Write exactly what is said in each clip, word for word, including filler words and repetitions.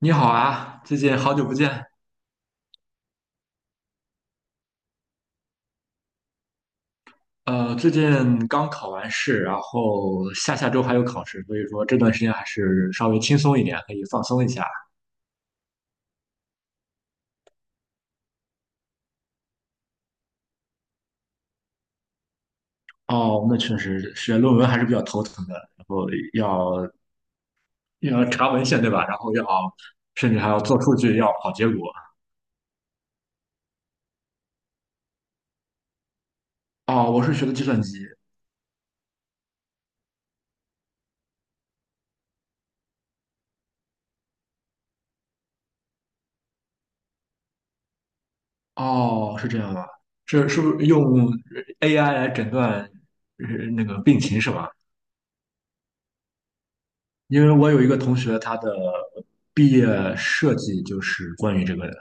你好啊，最近好久不见。呃，最近刚考完试，然后下下周还有考试，所以说这段时间还是稍微轻松一点，可以放松一下。哦，那确实写论文还是比较头疼的，然后要要查文献，对吧？然后要甚至还要做数据，要跑结果。哦，我是学的计算机。哦，是这样吗？是是不是用 A I 来诊断呃那个病情是吧？因为我有一个同学，他的毕业设计就是关于这个的，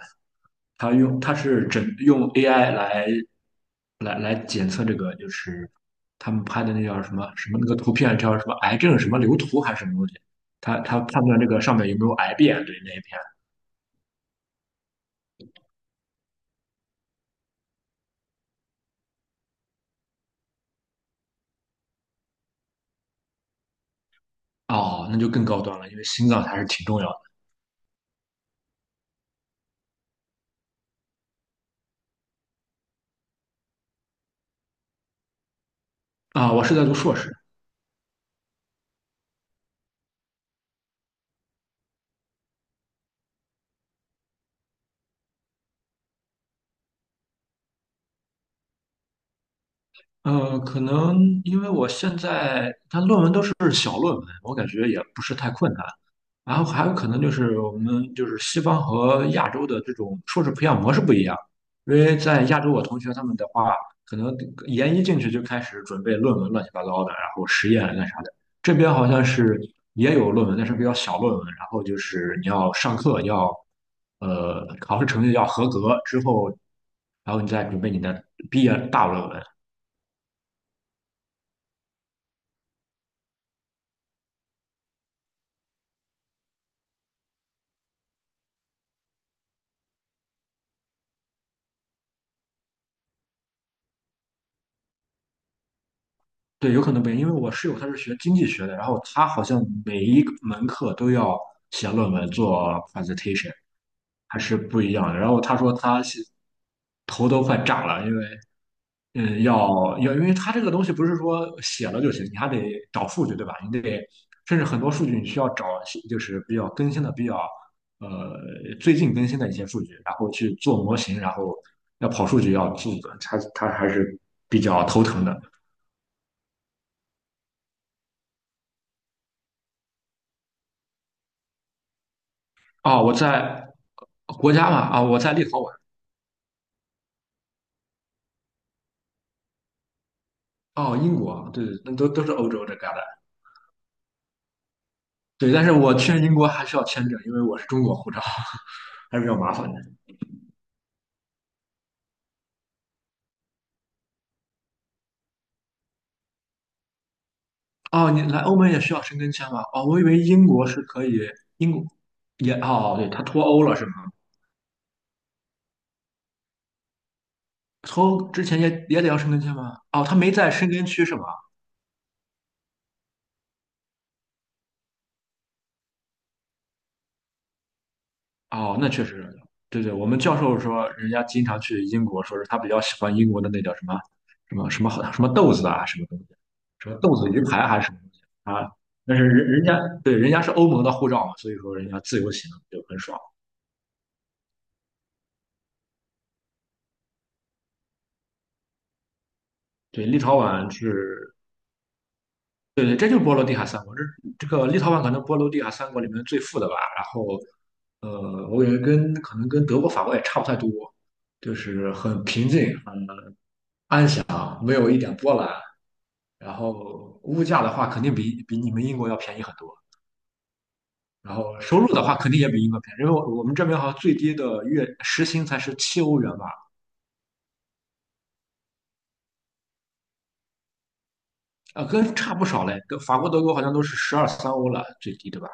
他用他是整用 A I 来来来检测这个，就是他们拍的那叫什么什么那个图片叫什么癌症什么瘤图还是什么东西，他他判断这个上面有没有癌变，对那一片。哦，那就更高端了，因为心脏还是挺重要的啊。我是在读硕士。嗯，可能因为我现在他论文都是小论文，我感觉也不是太困难。然后还有可能就是我们就是西方和亚洲的这种硕士培养模式不一样，因为在亚洲我同学他们的话，可能研一进去就开始准备论文乱七八糟的，然后实验干啥的。这边好像是也有论文，但是比较小论文，然后就是你要上课，要呃考试成绩要合格之后，然后你再准备你的毕业大论文。对，有可能不一样，因为我室友他是学经济学的，然后他好像每一个门课都要写论文做 presentation，还是不一样的。然后他说他是头都快炸了，因为嗯，要要，因为他这个东西不是说写了就行，你还得找数据，对吧？你得甚至很多数据你需要找，就是比较更新的、比较呃最近更新的一些数据，然后去做模型，然后要跑数据要做，他他还是比较头疼的。哦，我在国家嘛，啊、我在立陶宛。哦，英国，对对，那都都是欧洲这旮瘩。对，但是我去英国还需要签证，因为我是中国护照，还是比较麻烦的。哦，你来欧盟也需要申根签吗？哦，我以为英国是可以，英国也，哦，对，他脱欧了是吗？脱欧之前也也得要申根签吗？哦，他没在申根区是吗？哦，那确实，对对，我们教授说，人家经常去英国，说是他比较喜欢英国的那叫什么什么什么好什么豆子啊，什么东西，什么豆子鱼排还是什么东西啊？但是人人家，对，人家是欧盟的护照嘛，所以说人家自由行就很爽。对，立陶宛是，对对，这就是波罗的海三国，这这个立陶宛可能波罗的海三国里面最富的吧。然后，呃，我感觉跟可能跟德国、法国也差不太多，就是很平静，很没有一点波澜。然后物价的话，肯定比比你们英国要便宜很多。然后收入的话，肯定也比英国便宜，因为我我们这边好像最低的月时薪才是七欧元吧。啊、跟差不少嘞，跟法国、德国好像都是十二三欧了，最低对吧？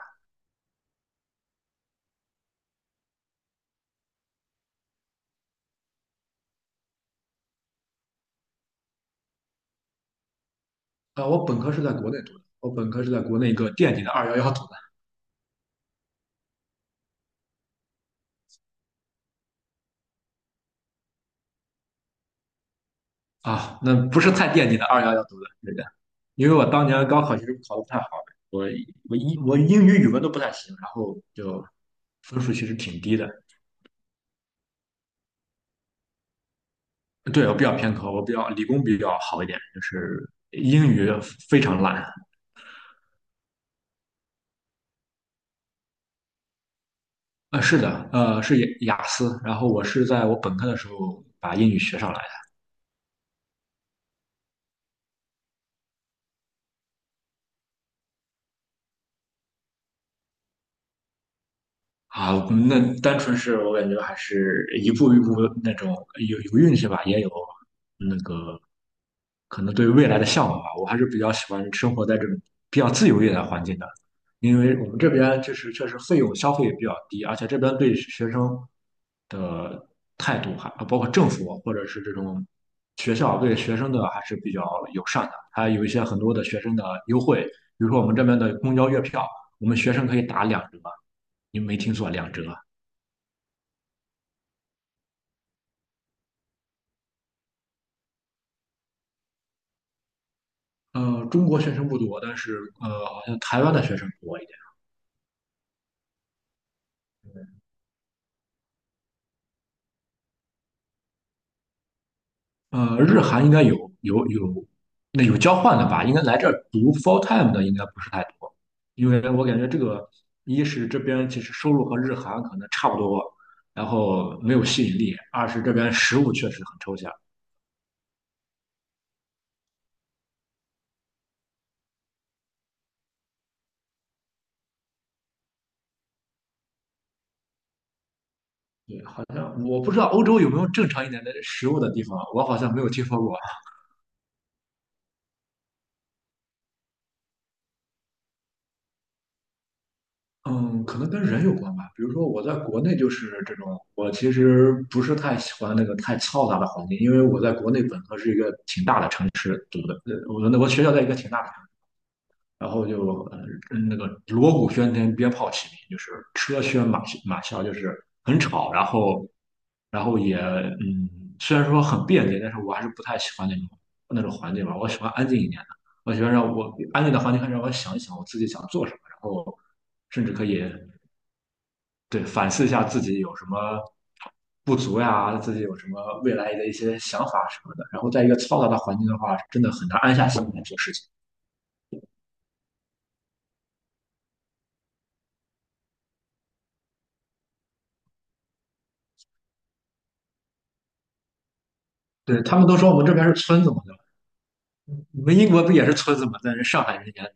啊、我本科是在国内读的，我本科是在国内一个垫底的二幺幺读的，啊，那不是太垫底的二幺幺读的，对的，因为我当年高考其实考得不太好，我我英我英语、语文都不太行，然后就分数其实挺低的。对，我比较偏科，我比较理工比较好一点，就是英语非常烂。呃，是的，呃，是雅雅思。然后我是在我本科的时候把英语学上来。啊，那单纯是我感觉还是一步一步那种有有运气吧，也有那个可能对未来的向往吧。我还是比较喜欢生活在这种比较自由一点的环境的，因为我们这边就是确实费用消费也比较低，而且这边对学生的态度还包括政府或者是这种学校对学生的还是比较友善的，还有一些很多的学生的优惠，比如说我们这边的公交月票，我们学生可以打两折。你没听错，两折。呃，中国学生不多，但是呃，好像台湾的学生多一点。呃，日韩应该有有有，那有交换的吧？应该来这儿读 full time 的应该不是太多，因为我感觉这个一是这边其实收入和日韩可能差不多，然后没有吸引力；二是这边食物确实很抽象。对，好像我不知道欧洲有没有正常一点的食物的地方，我好像没有听说过。嗯，可能跟人有关吧。比如说，我在国内就是这种，我其实不是太喜欢那个太嘈杂的环境，因为我在国内本科是一个挺大的城市读的，呃，我那我学校在一个挺大的城市，然后就呃那个锣鼓喧天，鞭炮齐鸣，就是车喧马马啸，就是很吵，然后然后也嗯，虽然说很便捷，但是我还是不太喜欢那种那种环境吧，我喜欢安静一点的，我喜欢让我安静的环境，让我想一想我自己想做什么，然后甚至可以。对，反思一下自己有什么不足呀，自己有什么未来的一些想法什么的。然后在一个嘈杂的环境的话，真的很难安下心来做事情。对，他们都说我们这边是村子嘛，对吧？你们英国不也是村子嘛？但是上海人眼里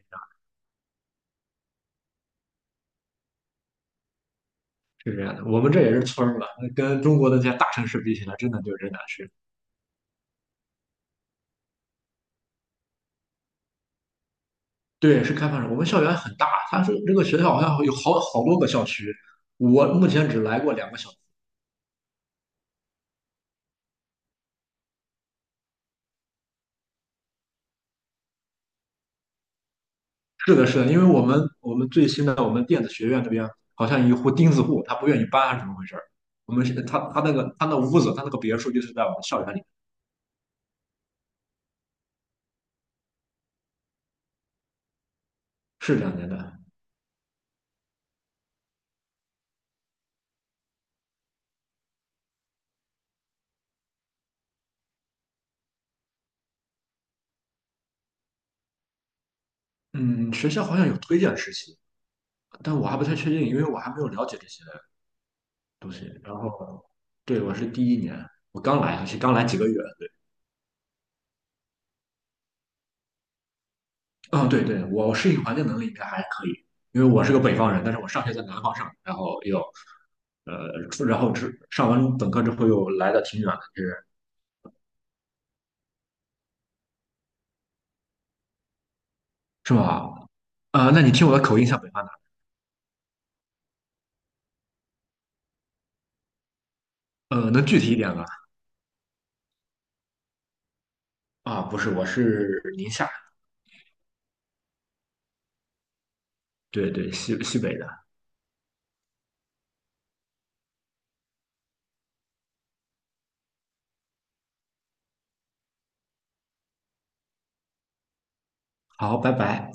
是这样的，我们这也是村儿嘛，跟中国的这些大城市比起来，真的就真难是。对，是开放式。我们校园很大，它是这个学校好像有好好多个校区，我目前只来过两个校。是的，是的，因为我们我们最新的我们电子学院这边好像有一户钉子户，他不愿意搬，还是怎么回事儿？我们是他他那个他那屋子，他那个别墅就是在我们校园里，是这样的。嗯，学校好像有推荐实习，但我还不太确定，因为我还没有了解这些东西。然后，对，我是第一年，我刚来，而且刚来几个月。对，嗯，对对，我适应环境能力应该还可以，因为我是个北方人，但是我上学在南方上，然后又呃，然后之上完本科之后又来的挺远的，就是是吧？呃，那你听我的口音像北方的，呃，能具体一点吗？啊，不是，我是宁夏，对对，西西北的。好，拜拜。